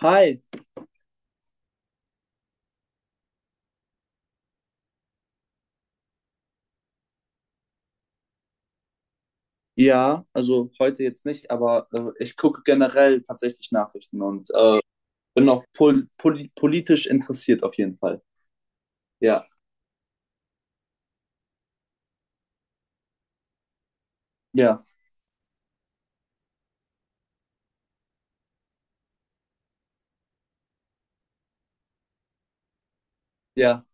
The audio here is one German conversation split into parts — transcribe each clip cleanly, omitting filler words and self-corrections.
Hi. Ja, also heute jetzt nicht, aber ich gucke generell tatsächlich Nachrichten und bin auch politisch interessiert auf jeden Fall. Ja, ja, ja.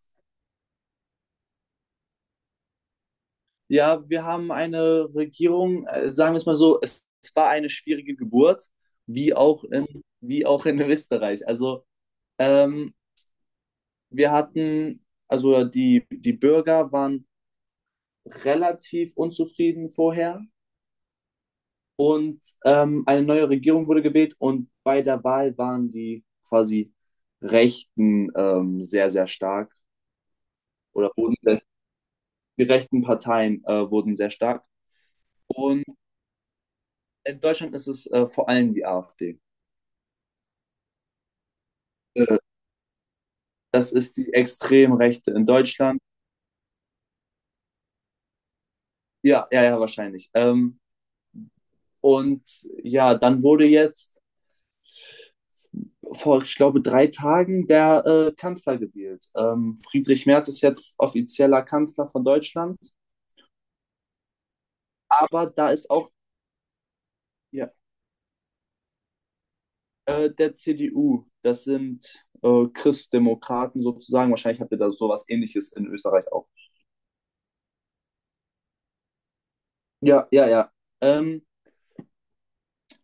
Ja, wir haben eine Regierung, sagen wir es mal so, es war eine schwierige Geburt, wie auch in, wie auch in Österreich. Also ähm, wir hatten, also die Bürger waren relativ unzufrieden vorher. Und eine neue Regierung wurde gewählt und bei der Wahl waren die quasi Rechten sehr, sehr stark oder wurden sehr, die rechten Parteien wurden sehr stark. Und in Deutschland ist es vor allem die AfD. Äh, das ist die extrem Rechte in Deutschland. Ja, ja, ja, wahrscheinlich. Und ja, dann wurde jetzt vor, ich glaube, 3 Tagen der Kanzler gewählt. Friedrich Merz ist jetzt offizieller Kanzler von Deutschland. Aber da ist auch, ja, der CDU, das sind Christdemokraten sozusagen. Wahrscheinlich habt ihr da sowas Ähnliches in Österreich auch. Ja, ja, ja. Ähm,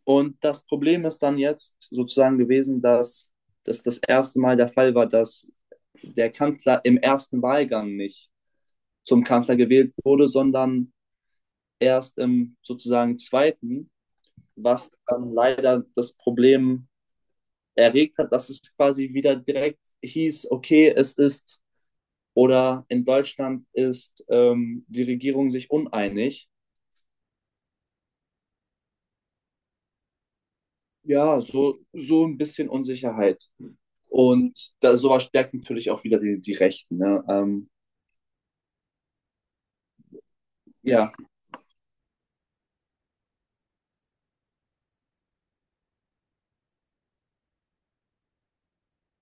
und das Problem ist dann jetzt sozusagen gewesen, dass das das erste Mal der Fall war, dass der Kanzler im ersten Wahlgang nicht zum Kanzler gewählt wurde, sondern erst im sozusagen zweiten, was dann leider das Problem erregt hat, dass es quasi wieder direkt hieß, okay, es ist oder in Deutschland ist die Regierung sich uneinig. Ja, so ein bisschen Unsicherheit. Und da, sowas stärkt natürlich auch wieder die Rechten. Ne? Ja,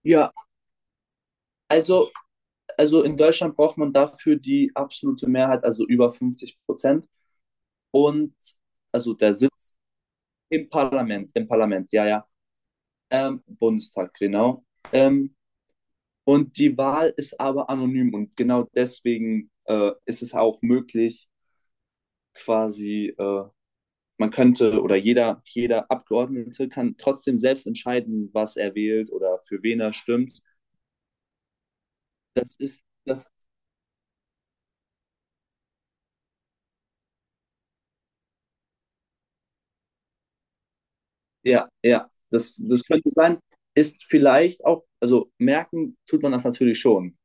ja, also, also in Deutschland braucht man dafür die absolute Mehrheit, also über 50%. Und also der Sitz im Parlament, ja, ja, Bundestag, genau. Ähm, und die Wahl ist aber anonym und genau deswegen ist es auch möglich, quasi, man könnte oder jeder Abgeordnete kann trotzdem selbst entscheiden, was er wählt oder für wen er stimmt. Das ist, das, ja, ja, das könnte sein, ist vielleicht auch, also merken tut man das natürlich schon.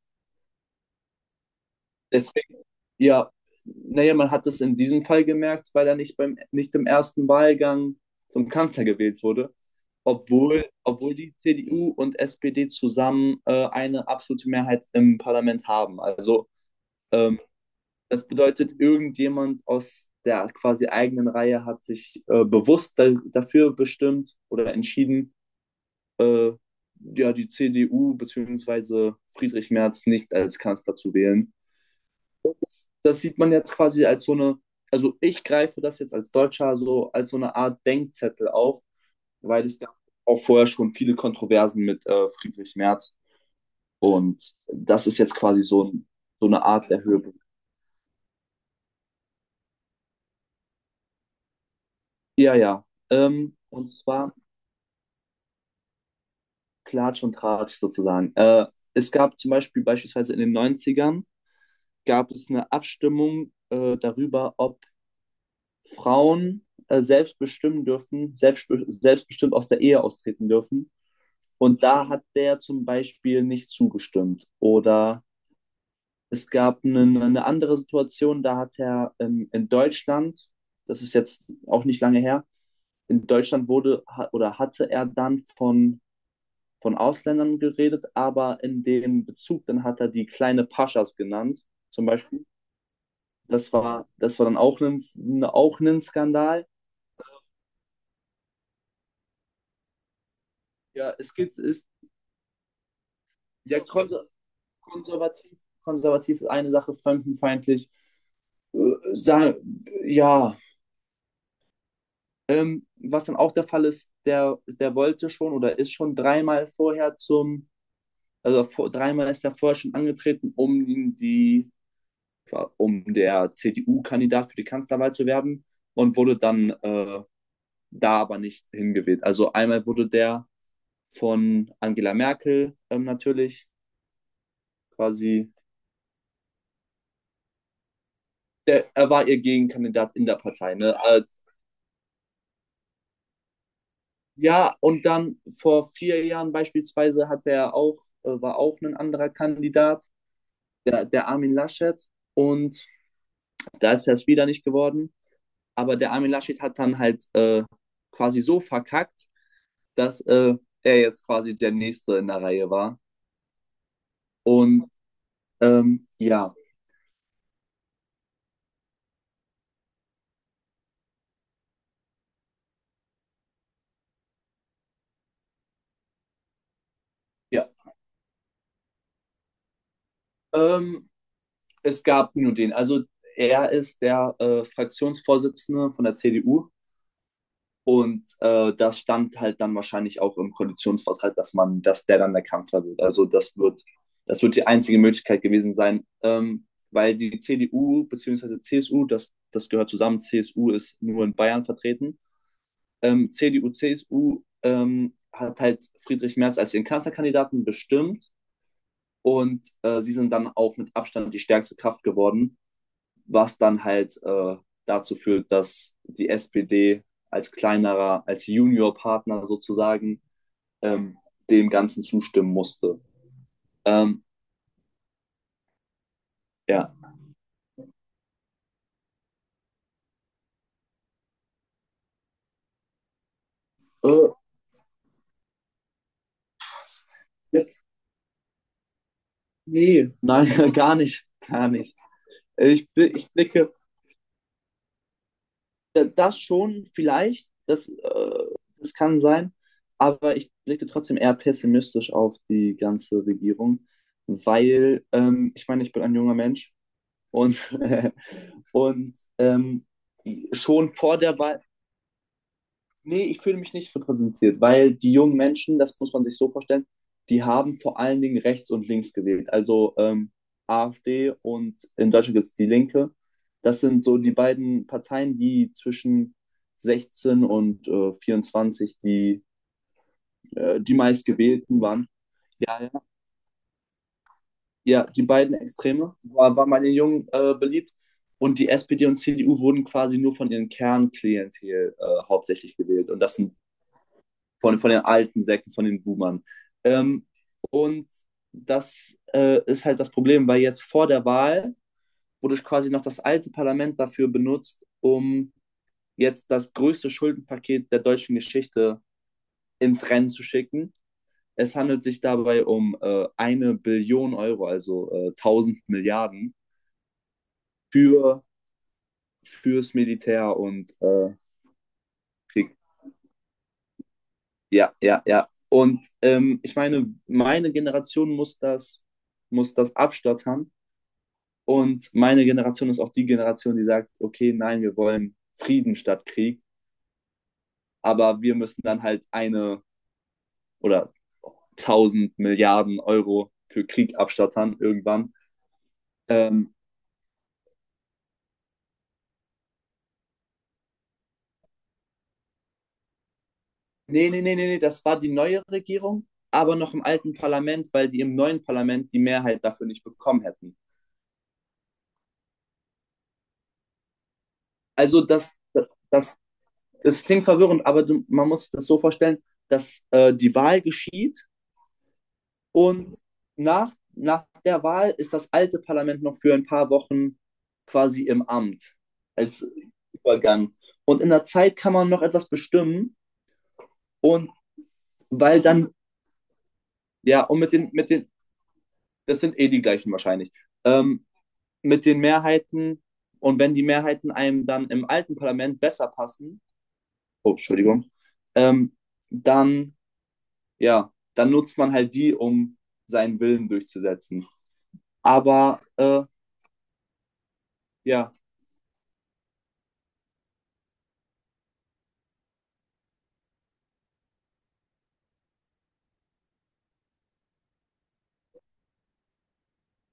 Deswegen, ja, naja, man hat es in diesem Fall gemerkt, weil er nicht nicht im ersten Wahlgang zum Kanzler gewählt wurde, obwohl die CDU und SPD zusammen eine absolute Mehrheit im Parlament haben. Also ähm, Das bedeutet, irgendjemand aus der quasi eigenen Reihe hat sich bewusst dafür bestimmt oder entschieden, äh, ja, die CDU bzw. Friedrich Merz nicht als Kanzler zu wählen. Das sieht man jetzt quasi als so eine, also ich greife das jetzt als Deutscher so als so eine Art Denkzettel auf, weil es gab auch vorher schon viele Kontroversen mit Friedrich Merz und das ist jetzt quasi so, so eine Art der Höhepunkt. Ja, ja. Und zwar Klatsch und Tratsch sozusagen. Es gab zum Beispiel beispielsweise in den Neunzigern gab es eine Abstimmung darüber, ob Frauen selbst bestimmen dürfen, selbstbestimmt aus der Ehe austreten dürfen. Und da hat der zum Beispiel nicht zugestimmt. Oder es gab eine andere Situation, da hat er in Deutschland, das ist jetzt auch nicht lange her, in Deutschland wurde ha- oder hatte er dann von Ausländern geredet, aber in dem Bezug, dann hat er die kleine Paschas genannt, zum Beispiel. Das war dann auch ein, ne, auch ein Skandal. Ja, es gibt, ja, konservativ, konservativ ist eine Sache, fremdenfeindlich. Sagen, ja, was dann auch der Fall ist, der wollte schon oder ist schon dreimal vorher zum, also vor, dreimal ist er vorher schon angetreten, um der CDU-Kandidat für die Kanzlerwahl zu werden und wurde dann da aber nicht hingewählt. Also einmal wurde der von Angela Merkel natürlich quasi, er war ihr Gegenkandidat in der Partei. Ne? Ja, und dann vor 4 Jahren beispielsweise hat der auch, war auch ein anderer Kandidat, der Armin Laschet. Und da ist er es wieder nicht geworden. Aber der Armin Laschet hat dann halt quasi so verkackt, dass er jetzt quasi der Nächste in der Reihe war. Und ja, ja. Ähm, es gab nur den. Also er ist der Fraktionsvorsitzende von der CDU und das stand halt dann wahrscheinlich auch im Koalitionsvertrag, dass der dann der Kanzler wird. Also das wird die einzige Möglichkeit gewesen sein, weil die CDU bzw. CSU, das gehört zusammen, CSU ist nur in Bayern vertreten CDU, CSU hat halt Friedrich Merz als ihren Kanzlerkandidaten bestimmt und sie sind dann auch mit Abstand die stärkste Kraft geworden, was dann halt dazu führt, dass die SPD als kleinerer, als Juniorpartner sozusagen ähm, dem Ganzen zustimmen musste. Ähm, ja. Äh, jetzt? Nee, nein, gar nicht, gar nicht. Ich blicke, das schon vielleicht, das kann sein, aber ich blicke trotzdem eher pessimistisch auf die ganze Regierung, weil ich meine, ich bin ein junger Mensch und, und schon vor der Wahl, Nee, ich fühle mich nicht repräsentiert, weil die jungen Menschen, das muss man sich so vorstellen, die haben vor allen Dingen rechts und links gewählt. Also AfD und in Deutschland gibt es die Linke. Das sind so die beiden Parteien, die zwischen 16 und 24 die meistgewählten waren. Ja, ja, ja, die beiden Extreme waren bei den Jungen beliebt. Und die SPD und CDU wurden quasi nur von ihren Kernklientel hauptsächlich gewählt. Und das sind von den alten Säcken, von den Boomern. Ähm, und das ist halt das Problem, weil jetzt vor der Wahl wurde quasi noch das alte Parlament dafür benutzt, um jetzt das größte Schuldenpaket der deutschen Geschichte ins Rennen zu schicken. Es handelt sich dabei um eine Billion Euro, also 1.000 Milliarden für fürs Militär und Krieg. Ja, ja, ja. Und ich meine, meine Generation muss das abstottern. Und meine Generation ist auch die Generation, die sagt, okay, nein, wir wollen Frieden statt Krieg, aber wir müssen dann halt eine oder tausend Milliarden Euro für Krieg abstattern irgendwann. Ähm, Nee, nee, nee, nee, nee, das war die neue Regierung, aber noch im alten Parlament, weil die im neuen Parlament die Mehrheit dafür nicht bekommen hätten. Also das, das klingt verwirrend, aber man muss sich das so vorstellen, dass die Wahl geschieht. Und nach der Wahl ist das alte Parlament noch für ein paar Wochen quasi im Amt als Übergang. Und in der Zeit kann man noch etwas bestimmen und weil dann, ja, und mit den, das sind eh die gleichen wahrscheinlich, ähm, mit den Mehrheiten und wenn die Mehrheiten einem dann im alten Parlament besser passen, oh, Entschuldigung, ähm, dann, ja, dann nutzt man halt die, um seinen Willen durchzusetzen. Aber, ja,